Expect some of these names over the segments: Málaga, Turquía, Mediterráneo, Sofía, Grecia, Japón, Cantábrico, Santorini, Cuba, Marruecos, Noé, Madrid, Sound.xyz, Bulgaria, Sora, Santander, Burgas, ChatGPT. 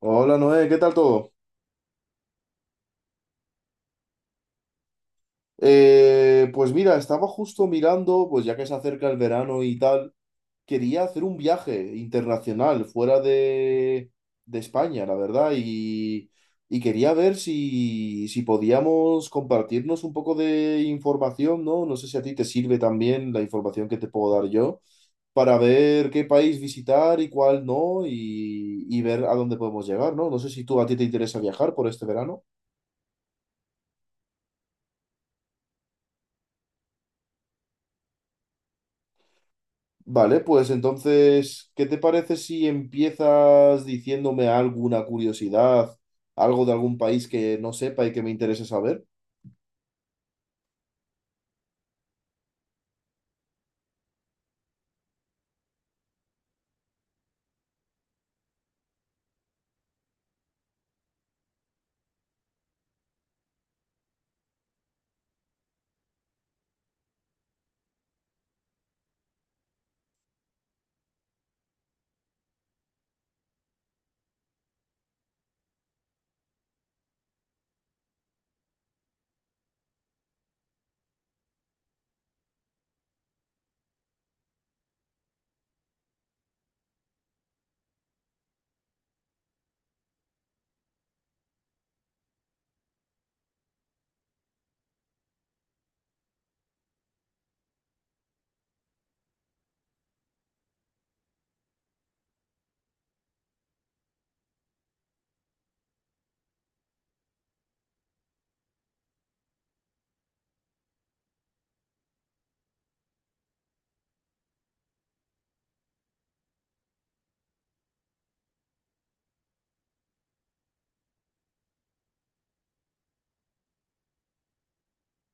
Hola Noé, ¿qué tal todo? Pues mira, estaba justo mirando, pues ya que se acerca el verano y tal, quería hacer un viaje internacional fuera de España, la verdad, y quería ver si podíamos compartirnos un poco de información, ¿no? No sé si a ti te sirve también la información que te puedo dar yo, para ver qué país visitar y cuál no, y ver a dónde podemos llegar, ¿no? No sé si tú a ti te interesa viajar por este verano. Vale, pues entonces, ¿qué te parece si empiezas diciéndome alguna curiosidad, algo de algún país que no sepa y que me interese saber?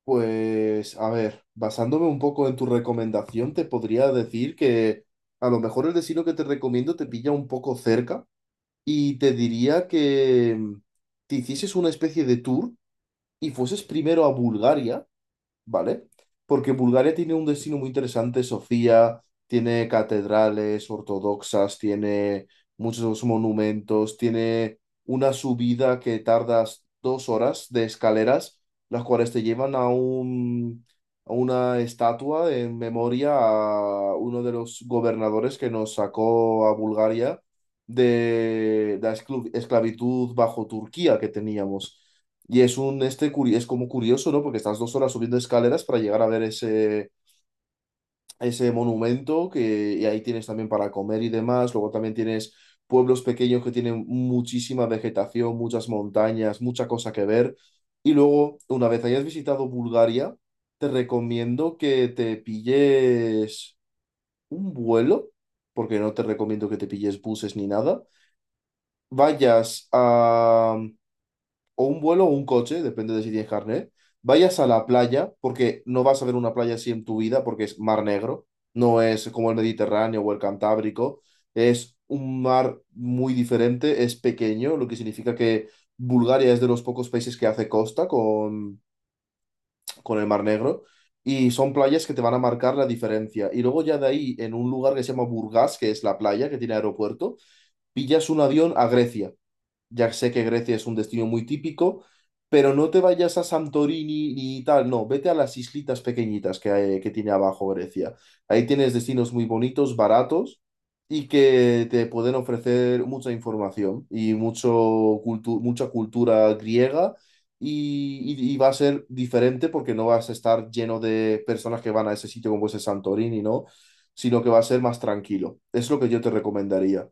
Pues, a ver, basándome un poco en tu recomendación, te podría decir que a lo mejor el destino que te recomiendo te pilla un poco cerca y te diría que te hicieses una especie de tour y fueses primero a Bulgaria, ¿vale? Porque Bulgaria tiene un destino muy interesante, Sofía, tiene catedrales ortodoxas, tiene muchos monumentos, tiene una subida que tardas 2 horas de escaleras, las cuales te llevan a un, a una estatua en memoria a uno de los gobernadores que nos sacó a Bulgaria de la esclavitud bajo Turquía que teníamos. Y es como curioso, ¿no? Porque estás 2 horas subiendo escaleras para llegar a ver ese, ese monumento que y ahí tienes también para comer y demás. Luego también tienes pueblos pequeños que tienen muchísima vegetación, muchas montañas, mucha cosa que ver. Y luego, una vez hayas visitado Bulgaria, te recomiendo que te pilles un vuelo, porque no te recomiendo que te pilles buses ni nada. Vayas a o un vuelo o un coche, depende de si tienes carnet, vayas a la playa, porque no vas a ver una playa así en tu vida, porque es mar negro, no es como el Mediterráneo o el Cantábrico, es un mar muy diferente, es pequeño, lo que significa que Bulgaria es de los pocos países que hace costa con el mar negro. Y son playas que te van a marcar la diferencia. Y luego ya de ahí, en un lugar que se llama Burgas, que es la playa que tiene aeropuerto, pillas un avión a Grecia. Ya sé que Grecia es un destino muy típico, pero no te vayas a Santorini ni tal, no, vete a las islitas pequeñitas que, que tiene abajo Grecia. Ahí tienes destinos muy bonitos, baratos y que te pueden ofrecer mucha información y mucho mucha cultura griega y va a ser diferente porque no vas a estar lleno de personas que van a ese sitio como ese Santorini, ¿no? Sino que va a ser más tranquilo. Es lo que yo te recomendaría.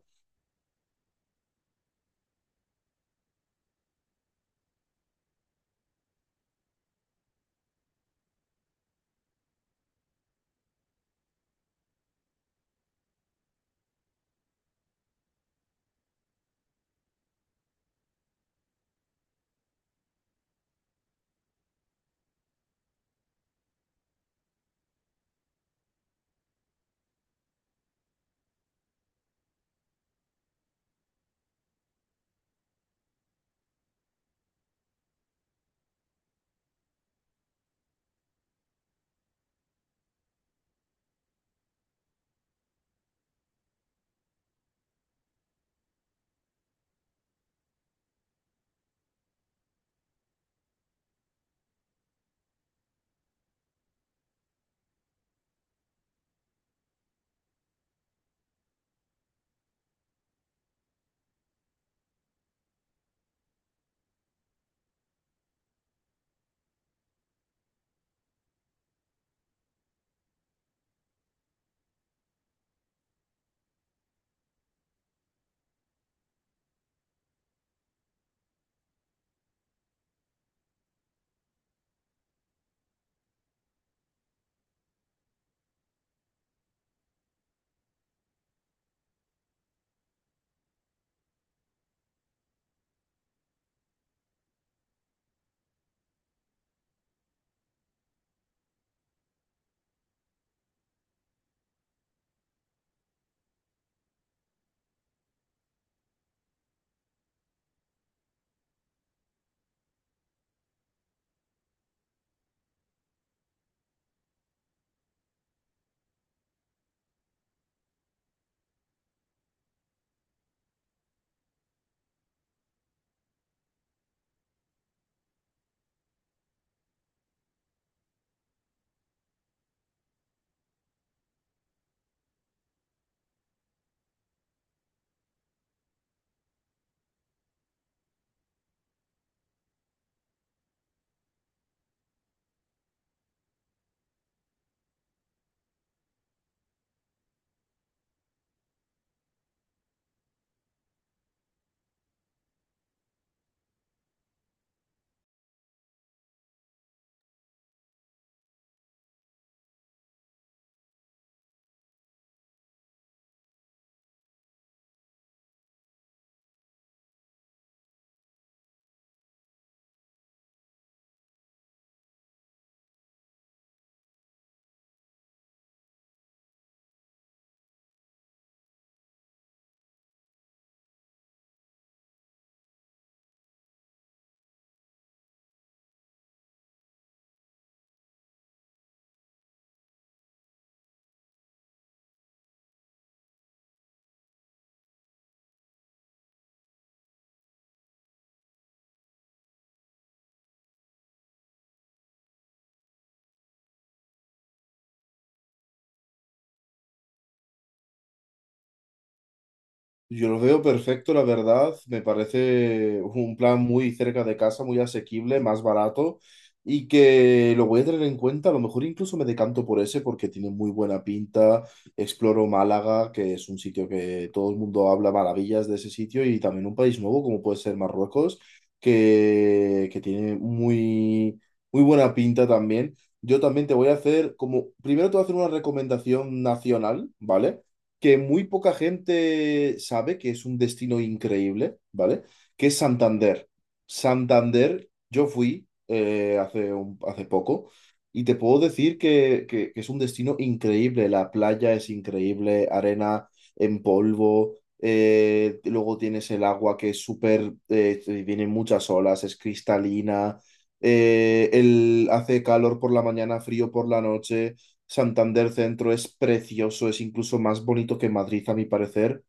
Yo lo veo perfecto, la verdad. Me parece un plan muy cerca de casa, muy asequible, más barato y que lo voy a tener en cuenta. A lo mejor incluso me decanto por ese porque tiene muy buena pinta. Exploro Málaga, que es un sitio que todo el mundo habla maravillas de ese sitio y también un país nuevo como puede ser Marruecos, que tiene muy, muy buena pinta también. Yo también te voy a hacer como, primero te voy a hacer una recomendación nacional, ¿vale? Que muy poca gente sabe que es un destino increíble, ¿vale? Que es Santander. Santander, yo fui hace, hace poco y te puedo decir que es un destino increíble. La playa es increíble, arena en polvo, luego tienes el agua que es súper, vienen muchas olas, es cristalina, hace calor por la mañana, frío por la noche. Santander Centro es precioso, es incluso más bonito que Madrid, a mi parecer.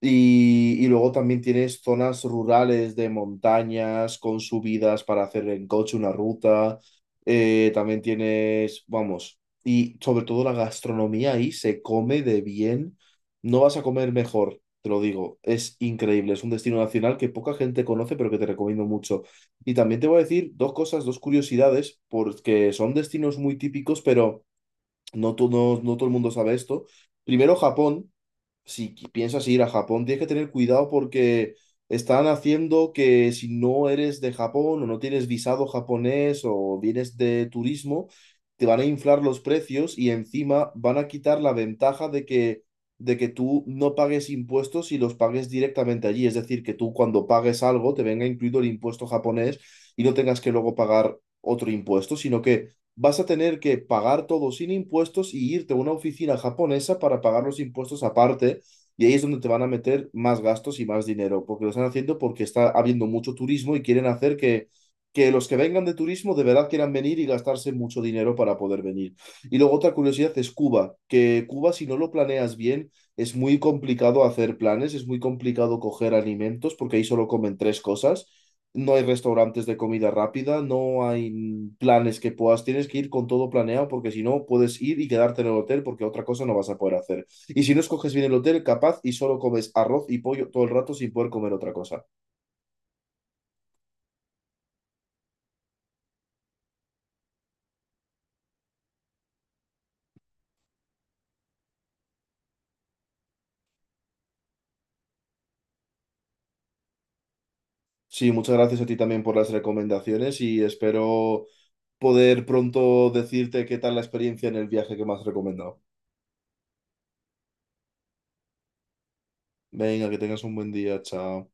Y luego también tienes zonas rurales de montañas con subidas para hacer en coche una ruta. También tienes, vamos, y sobre todo la gastronomía ahí se come de bien. No vas a comer mejor, te lo digo. Es increíble, es un destino nacional que poca gente conoce, pero que te recomiendo mucho. Y también te voy a decir dos cosas, dos curiosidades, porque son destinos muy típicos, pero no todo el mundo sabe esto. Primero, Japón. Si piensas ir a Japón, tienes que tener cuidado porque están haciendo que si no eres de Japón o no tienes visado japonés o vienes de turismo, te van a inflar los precios y encima van a quitar la ventaja de que tú no pagues impuestos y los pagues directamente allí. Es decir, que tú cuando pagues algo te venga incluido el impuesto japonés y no tengas que luego pagar otro impuesto, sino que vas a tener que pagar todo sin impuestos y irte a una oficina japonesa para pagar los impuestos aparte. Y ahí es donde te van a meter más gastos y más dinero, porque lo están haciendo porque está habiendo mucho turismo y quieren hacer que los que vengan de turismo de verdad quieran venir y gastarse mucho dinero para poder venir. Y luego otra curiosidad es Cuba, que Cuba si no lo planeas bien es muy complicado hacer planes, es muy complicado coger alimentos porque ahí solo comen tres cosas, no hay restaurantes de comida rápida, no hay planes que puedas, tienes que ir con todo planeado porque si no puedes ir y quedarte en el hotel porque otra cosa no vas a poder hacer. Y si no escoges bien el hotel, capaz y solo comes arroz y pollo todo el rato sin poder comer otra cosa. Sí, muchas gracias a ti también por las recomendaciones y espero poder pronto decirte qué tal la experiencia en el viaje que me has recomendado. Venga, que tengas un buen día, chao.